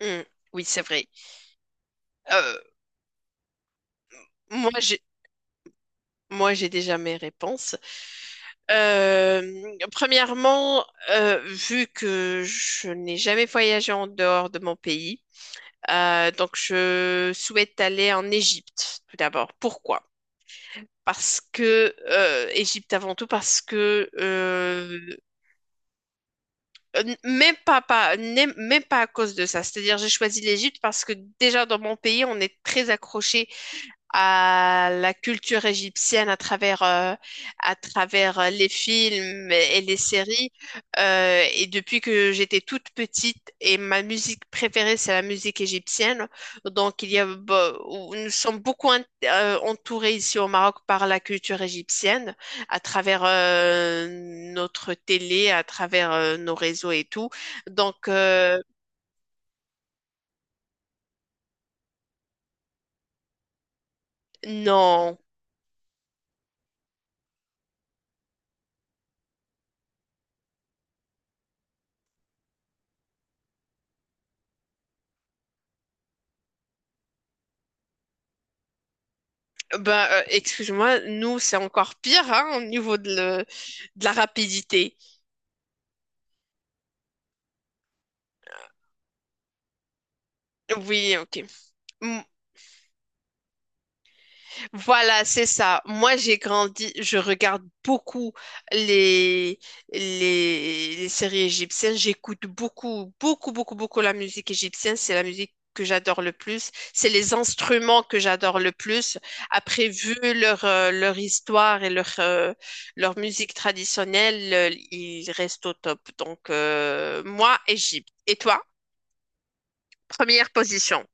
Hmm, oui, c'est vrai. Euh, Moi, j'ai déjà mes réponses. Euh, Premièrement, vu que je n'ai jamais voyagé en dehors de mon pays, donc, je souhaite aller en Égypte tout d'abord. Pourquoi? Parce que Égypte avant tout, parce que même pas, même pas à cause de ça. C'est-à-dire, j'ai choisi l'Égypte parce que déjà dans mon pays, on est très accroché à la culture égyptienne à travers, à travers les films et les séries. Et depuis que j'étais toute petite, et ma musique préférée, c'est la musique égyptienne. Donc, il y a, bah, où nous sommes beaucoup entourés ici au Maroc par la culture égyptienne, à travers notre télé, à travers nos réseaux et tout. Donc, non. Ben, excuse-moi, nous, c'est encore pire, hein, au niveau de la rapidité. Oui, ok. M- Voilà, c'est ça. Moi, j'ai grandi, je regarde beaucoup les, les séries égyptiennes. J'écoute beaucoup, beaucoup, beaucoup, beaucoup la musique égyptienne. C'est la musique que j'adore le plus. C'est les instruments que j'adore le plus. Après, vu leur histoire et leur musique traditionnelle, ils restent au top. Donc, moi, Égypte. Et toi, première position.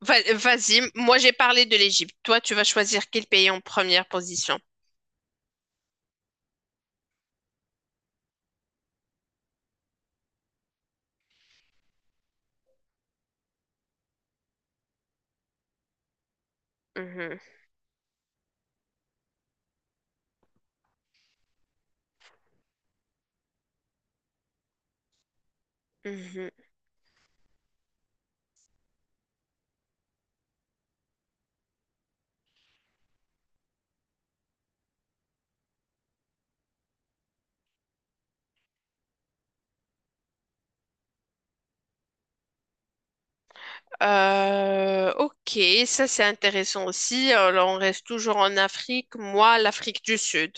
Vas-y, moi j'ai parlé de l'Égypte. Toi, tu vas choisir quel pays en première position. Mhm, mhm. Ok, ça c'est intéressant aussi. Alors, on reste toujours en Afrique. Moi, l'Afrique du Sud,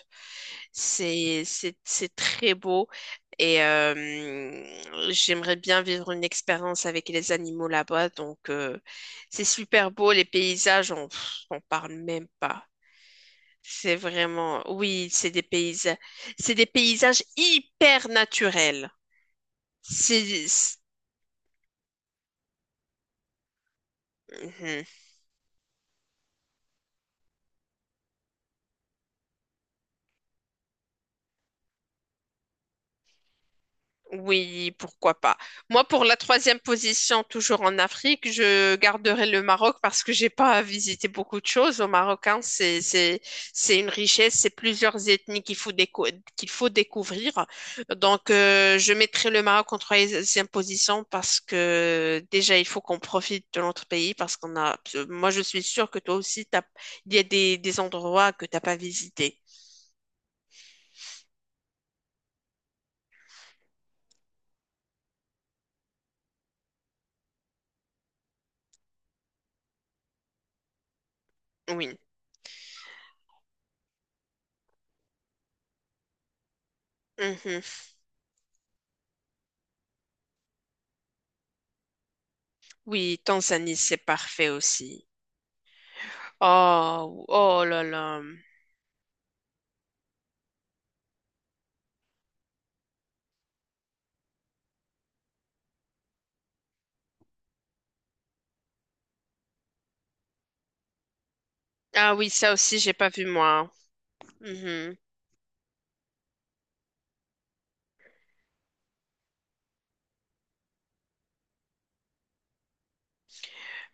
c'est c'est très beau et j'aimerais bien vivre une expérience avec les animaux là-bas. Donc, c'est super beau. Les paysages, on, pff, on parle même pas. C'est vraiment, oui, c'est des paysages hyper naturels. C'est, oui, pourquoi pas. Moi, pour la troisième position, toujours en Afrique, je garderai le Maroc parce que j'ai pas visité beaucoup de choses au Maroc, hein. C'est une richesse, c'est plusieurs ethnies qu'il faut qu'il faut découvrir. Donc, je mettrai le Maroc en troisième position parce que déjà, il faut qu'on profite de notre pays parce qu'on a. Moi, je suis sûre que toi aussi, il y a des endroits que t'as pas visités. Oui. Mhm. Oui, Tanzanie, c'est parfait aussi. Oh, oh là là. Ah oui, ça aussi, j'ai pas vu moi. Mhm.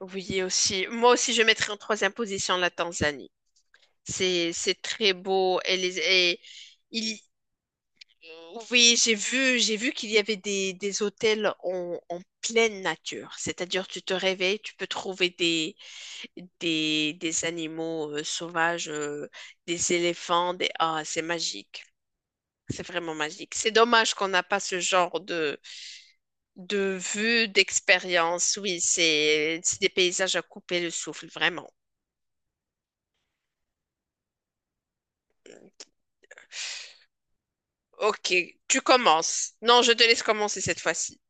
Oui, aussi. Moi aussi, je mettrais en troisième position la Tanzanie. C'est très beau. Il, oui, j'ai vu qu'il y avait des hôtels en, en pleine nature. C'est-à-dire, tu te réveilles, tu peux trouver des animaux sauvages, des éléphants, des... Ah, c'est magique. C'est vraiment magique. C'est dommage qu'on n'a pas ce genre de vue, d'expérience, oui, c'est des paysages à couper le souffle, vraiment. Ok, tu commences. Non, je te laisse commencer cette fois-ci.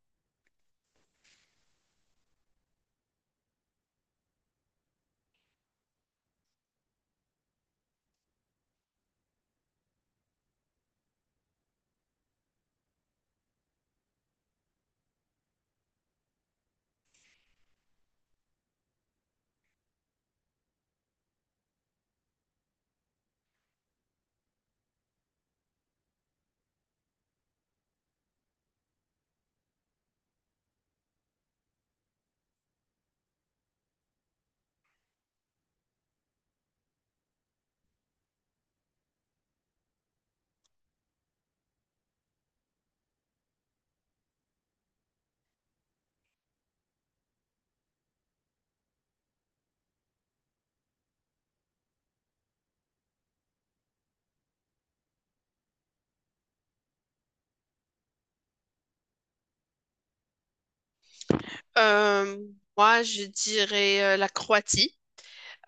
Euh, Moi, je dirais la Croatie.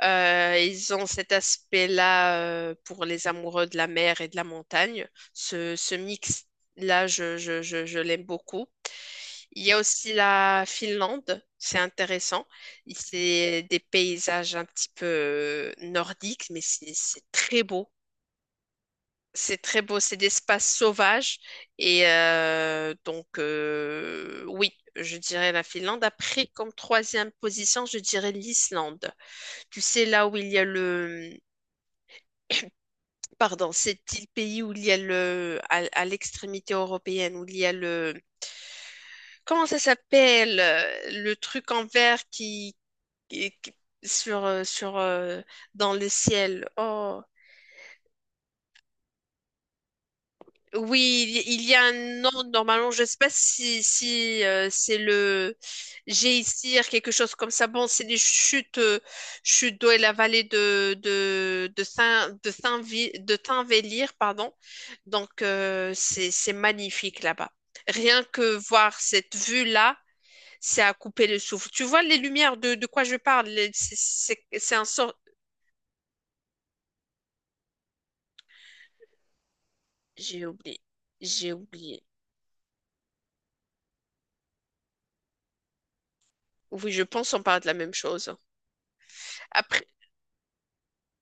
Ils ont cet aspect-là pour les amoureux de la mer et de la montagne. Ce mix-là, je l'aime beaucoup. Il y a aussi la Finlande, c'est intéressant. C'est des paysages un petit peu nordiques, mais c'est très beau. C'est très beau, c'est d'espace sauvage. Et donc, oui, je dirais la Finlande. Après, comme troisième position, je dirais l'Islande. Tu sais, là où il y a le... Pardon, c'est le pays où il y a le... À, à l'extrémité européenne, où il y a le... Comment ça s'appelle? Le truc en vert qui... qui- qui- sur, sur, dans le ciel. Oh. Oui, il y a un nom normalement. Je sais pas si, si c'est le Géisir, quelque chose comme ça. Bon, c'est des chutes, chutes d'eau et la vallée de Saint de Saint-Vi- de Tinvellir, pardon. Donc c'est magnifique là-bas. Rien que voir cette vue-là, c'est à couper le souffle. Tu vois les lumières de quoi je parle. C'est c'est un sort. J'ai oublié. J'ai oublié. Oui, je pense on parle de la même chose. Après.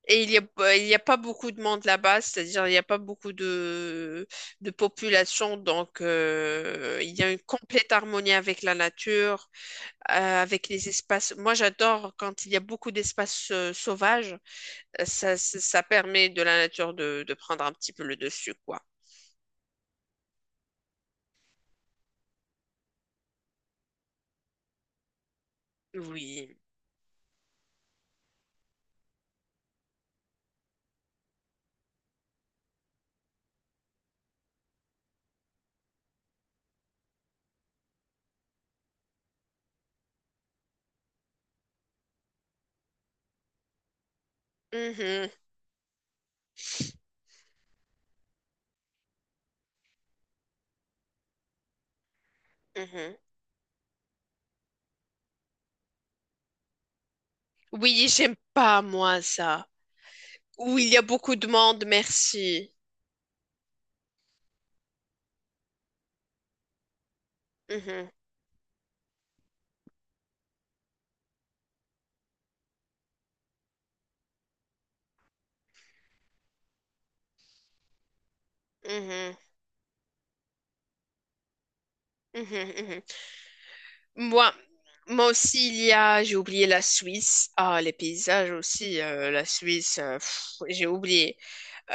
Et il y a pas beaucoup de monde là-bas, c'est-à-dire il n'y a pas beaucoup de population, donc il y a une complète harmonie avec la nature, avec les espaces. Moi, j'adore quand il y a beaucoup d'espaces sauvages. Ça permet de la nature de prendre un petit peu le dessus, quoi. Oui. Mhm, mhm. Oui, j'aime pas, moi, ça. Oui, il y a beaucoup de monde, merci. Mhm, mhm, mhm, mhm. Moi, Moi aussi, il y a, j'ai oublié la Suisse. Ah, les paysages aussi, la Suisse, pff, j'ai oublié.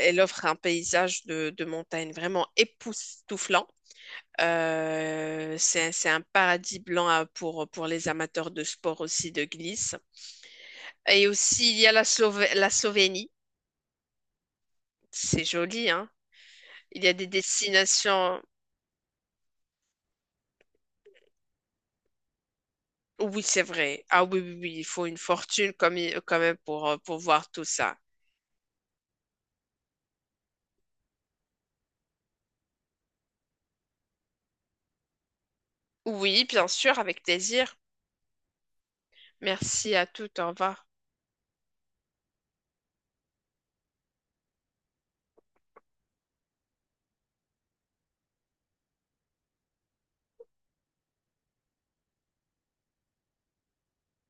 Elle offre un paysage de montagne vraiment époustouflant. C'est un paradis blanc pour les amateurs de sport aussi de glisse. Et aussi, il y a la la Slovénie. C'est joli, hein. Il y a des destinations. Oui, c'est vrai. Ah oui, oui, oui, il faut une fortune comme, quand même pour voir tout ça. Oui, bien sûr, avec plaisir. Merci à toutes. Au revoir.